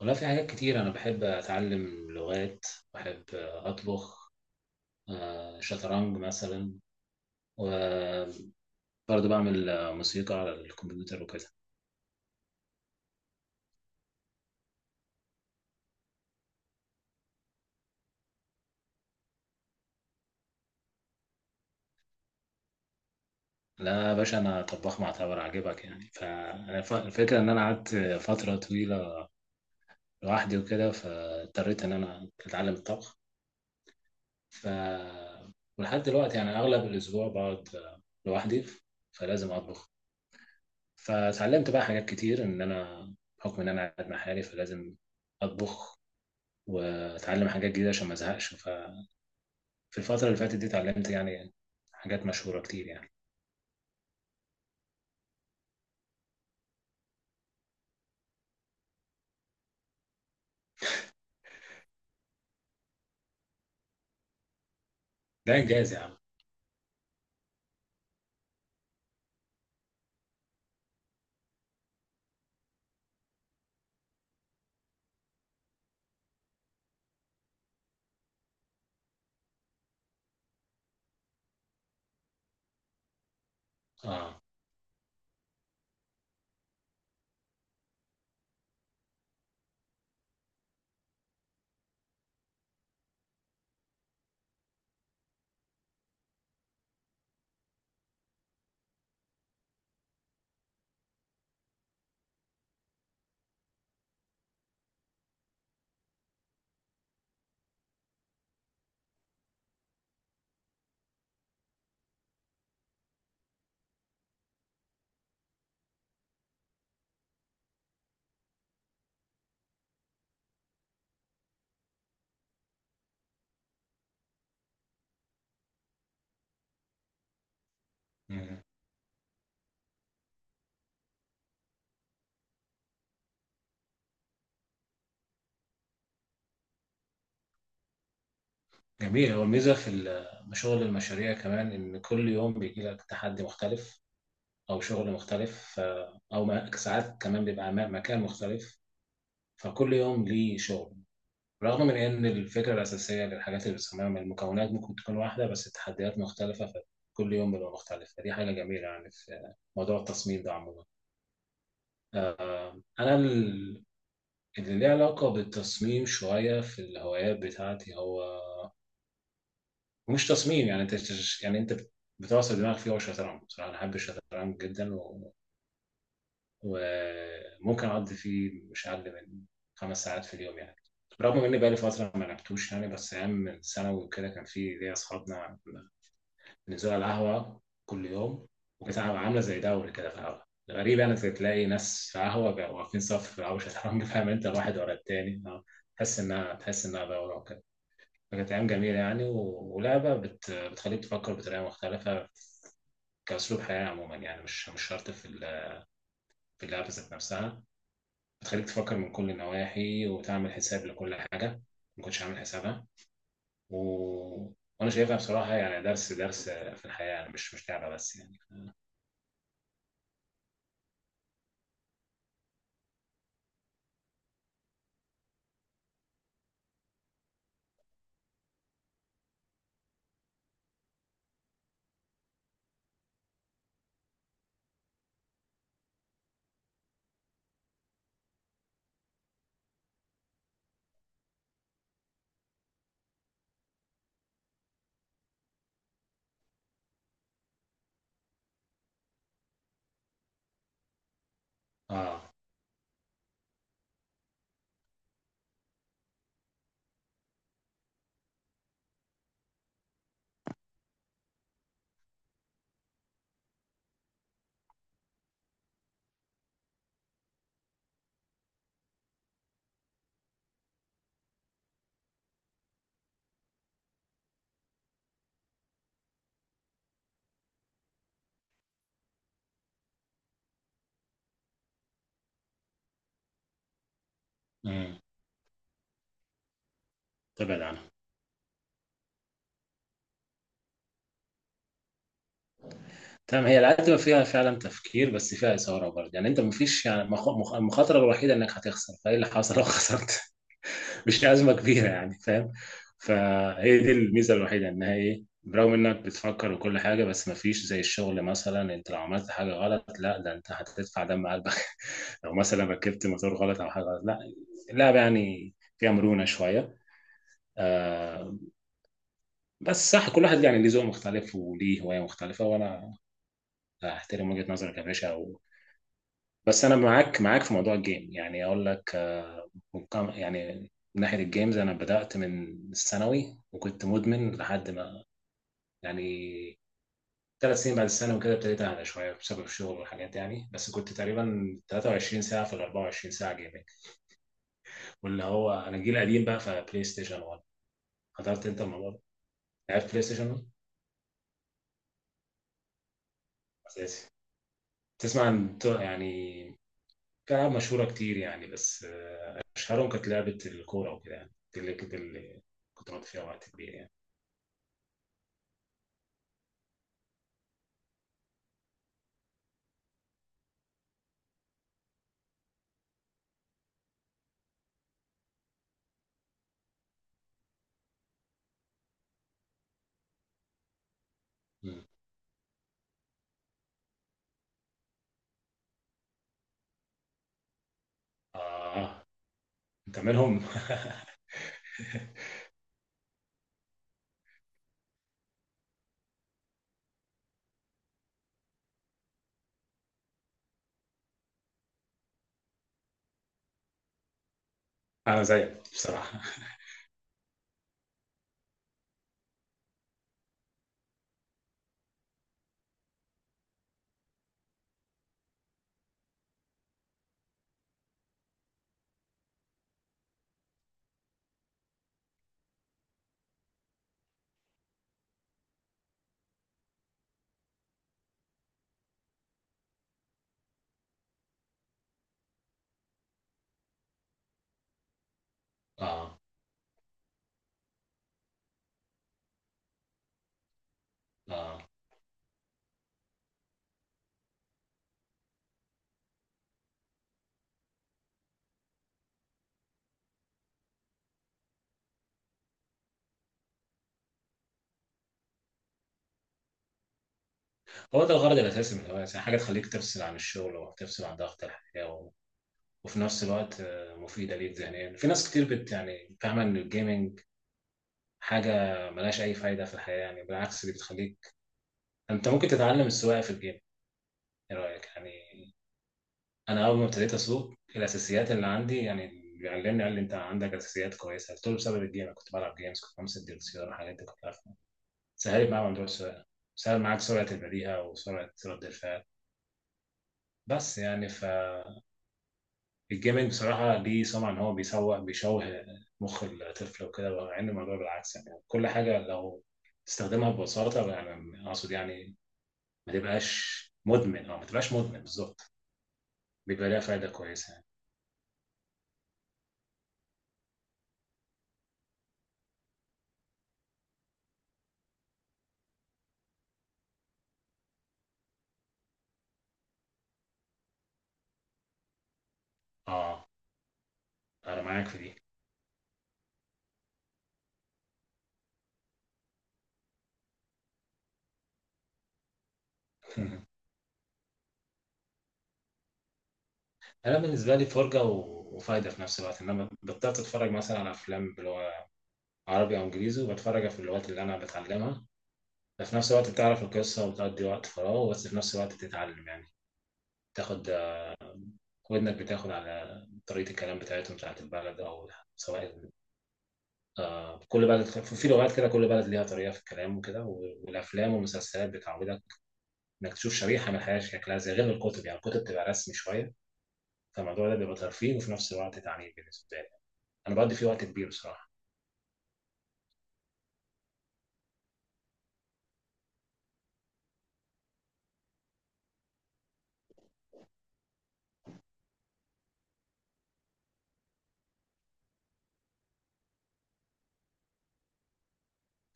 والله في حاجات كتير، أنا بحب أتعلم لغات. بحب أطبخ. شطرنج مثلا. وبرضه بعمل موسيقى على الكمبيوتر وكده. لا يا باشا، أنا طباخ معتبر عاجبك يعني. الفكرة إن أنا قعدت فترة طويلة لوحدي وكده، فاضطريت إن أنا أتعلم الطبخ. ف ولحد دلوقتي يعني أغلب الأسبوع بقعد لوحدي، فلازم أطبخ. فتعلمت بقى حاجات كتير، إن أنا بحكم إن أنا قاعد مع حالي فلازم أطبخ واتعلم حاجات جديده عشان ما ازهقش. ففي الفتره اللي فاتت دي اتعلمت يعني حاجات مشهوره كتير يعني. ده انجاز يا عم. اه. مم. جميل، هو الميزه في شغل المشاريع كمان ان كل يوم بيجي لك تحدي مختلف او شغل مختلف، او ساعات كمان بيبقى مكان مختلف، فكل يوم ليه شغل. رغم من ان الفكره الاساسيه للحاجات اللي بنسميها من المكونات ممكن تكون واحده، بس التحديات مختلفه، فكل يوم بيبقى مختلف، فدي حاجه جميله يعني في موضوع التصميم ده عموما. أنا اللي ليه علاقة بالتصميم شوية في الهوايات بتاعتي، هو مش تصميم، يعني أنت بتعصر دماغك فيه، هو الشطرنج. بصراحة أنا بحب الشطرنج جدا، وممكن أقضي فيه مش أقل من 5 ساعات في اليوم يعني. رغم إن بقالي فترة ما لعبتوش يعني، بس أيام من ثانوي وكده كان في ليا أصحابنا نزول على القهوة كل يوم، وكانت عاملة زي دوري كده في القهوة. غريب يعني، كنت تلاقي ناس في قهوة بيبقوا واقفين صف أو شطرنج، فاهم، أنت واحد ورا التاني، تحس إنها دورة وكده. فكانت أيام جميلة يعني، ولعبة بتخليك تفكر بطريقة مختلفة كأسلوب حياة عموما، يعني مش شرط في في اللعبة ذات نفسها، بتخليك تفكر من كل النواحي وتعمل حساب لكل حاجة ما كنتش عامل حسابها. و... وأنا شايفها بصراحة يعني درس في الحياة يعني، مش لعبة بس يعني. آه. تبعد عنها. تمام، هي العتبة فيها فعلا تفكير، بس فيها إثارة برضه يعني. أنت مفيش يعني، المخاطرة الوحيدة إنك هتخسر، فإيه اللي حصل لو خسرت؟ مش أزمة كبيرة يعني، فاهم. فهي دي الميزة الوحيدة، إنها إيه؟ برغم إنك بتفكر وكل حاجة، بس مفيش زي الشغل مثلا، أنت لو عملت حاجة غلط لا ده أنت هتدفع دم قلبك. لو مثلا ركبت موتور غلط أو حاجة غلط لا. اللعبة يعني فيها مرونة شوية. آه. بس صح، كل واحد يعني ليه ذوق مختلف وليه هواية مختلفة، وأنا احترم وجهة نظرك يا باشا. بس انا معاك في موضوع الجيم، يعني اقول لك يعني من ناحية الجيمز انا بدأت من الثانوي وكنت مدمن لحد ما، يعني 3 سنين بعد الثانوي كده ابتديت اهدى شوية بسبب الشغل والحاجات دي يعني. بس كنت تقريبا 23 ساعة في ال 24 ساعة جيمنج. واللي هو انا جيل قديم بقى، فبلاي ستيشن 1. حضرت انت الموضوع ده؟ لعبت بلاي ستيشن 1 اساسي. تسمع عن يعني، في العاب مشهورة كتير يعني، بس أشهرهم كانت لعبة الكورة وكده، يعني دي اللي كنت بقضي فيها وقت كبير يعني. مم. آه. أنت منهم! أنا زيك بصراحة. آه. آه. هو ده الغرض الأساسي من الهواية، يعني حاجة تخليك تفصل عن الشغل وتفصل عن ضغط الحياة، وفي نفس الوقت مفيدة ليك ذهنيا. في ناس كتير بت يعني فاهمة إن الجيمنج حاجة ملهاش أي فايدة في الحياة، يعني بالعكس دي بتخليك، أنت ممكن تتعلم السواقة في الجيم، إيه رأيك يعني؟ انا اول ما ابتديت اسوق الاساسيات اللي عندي يعني، اللي علمني قال لي انت عندك اساسيات كويسه، قلت له بسبب الجيم. أنا كنت بلعب جيمز، كنت بمسك دي السياره، الحاجات دي كنت عارفها، سهلت معايا موضوع السواقه. سهل معاك سرعه البديهه وسرعه رد الفعل. بس يعني فالجيمنج بصراحه ليه سمعه ان هو بيسوح بيشوه مخ الطفل وكده، مع ان الموضوع بالعكس يعني. كل حاجه لو تستخدمها ببساطه، يعني اقصد يعني ما تبقاش مدمن، اه، ما تبقاش مدمن بالظبط، بيبقى ليها فايده كويسه يعني. اه، انا معاك في دي. انا بالنسبه لي فرجه وفايده في نفس الوقت، ان انا بطلت اتفرج مثلا على افلام اللي هو عربي او انجليزي، وبتفرج في اللغات اللي انا بتعلمها، ففي نفس الوقت بتعرف القصه وبتقضي وقت فراغ، بس في نفس الوقت بتتعلم يعني، تاخد ودنك، بتاخد على طريقه الكلام بتاعتهم بتاعت البلد، او سواء، آه كل بلد في لغات كده، كل بلد ليها طريقه في الكلام وكده، والافلام والمسلسلات بتعودك انك تشوف شريحه من الحياه شكلها زي، غير الكتب يعني، الكتب بتبقى رسمي شويه. فالموضوع ده بيبقى ترفيه وفي نفس الوقت تعليم بالنسبه لي، انا بقضي فيه وقت كبير بصراحه.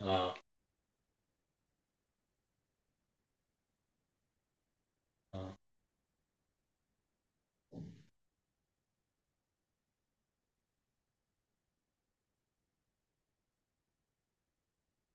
اه. اه.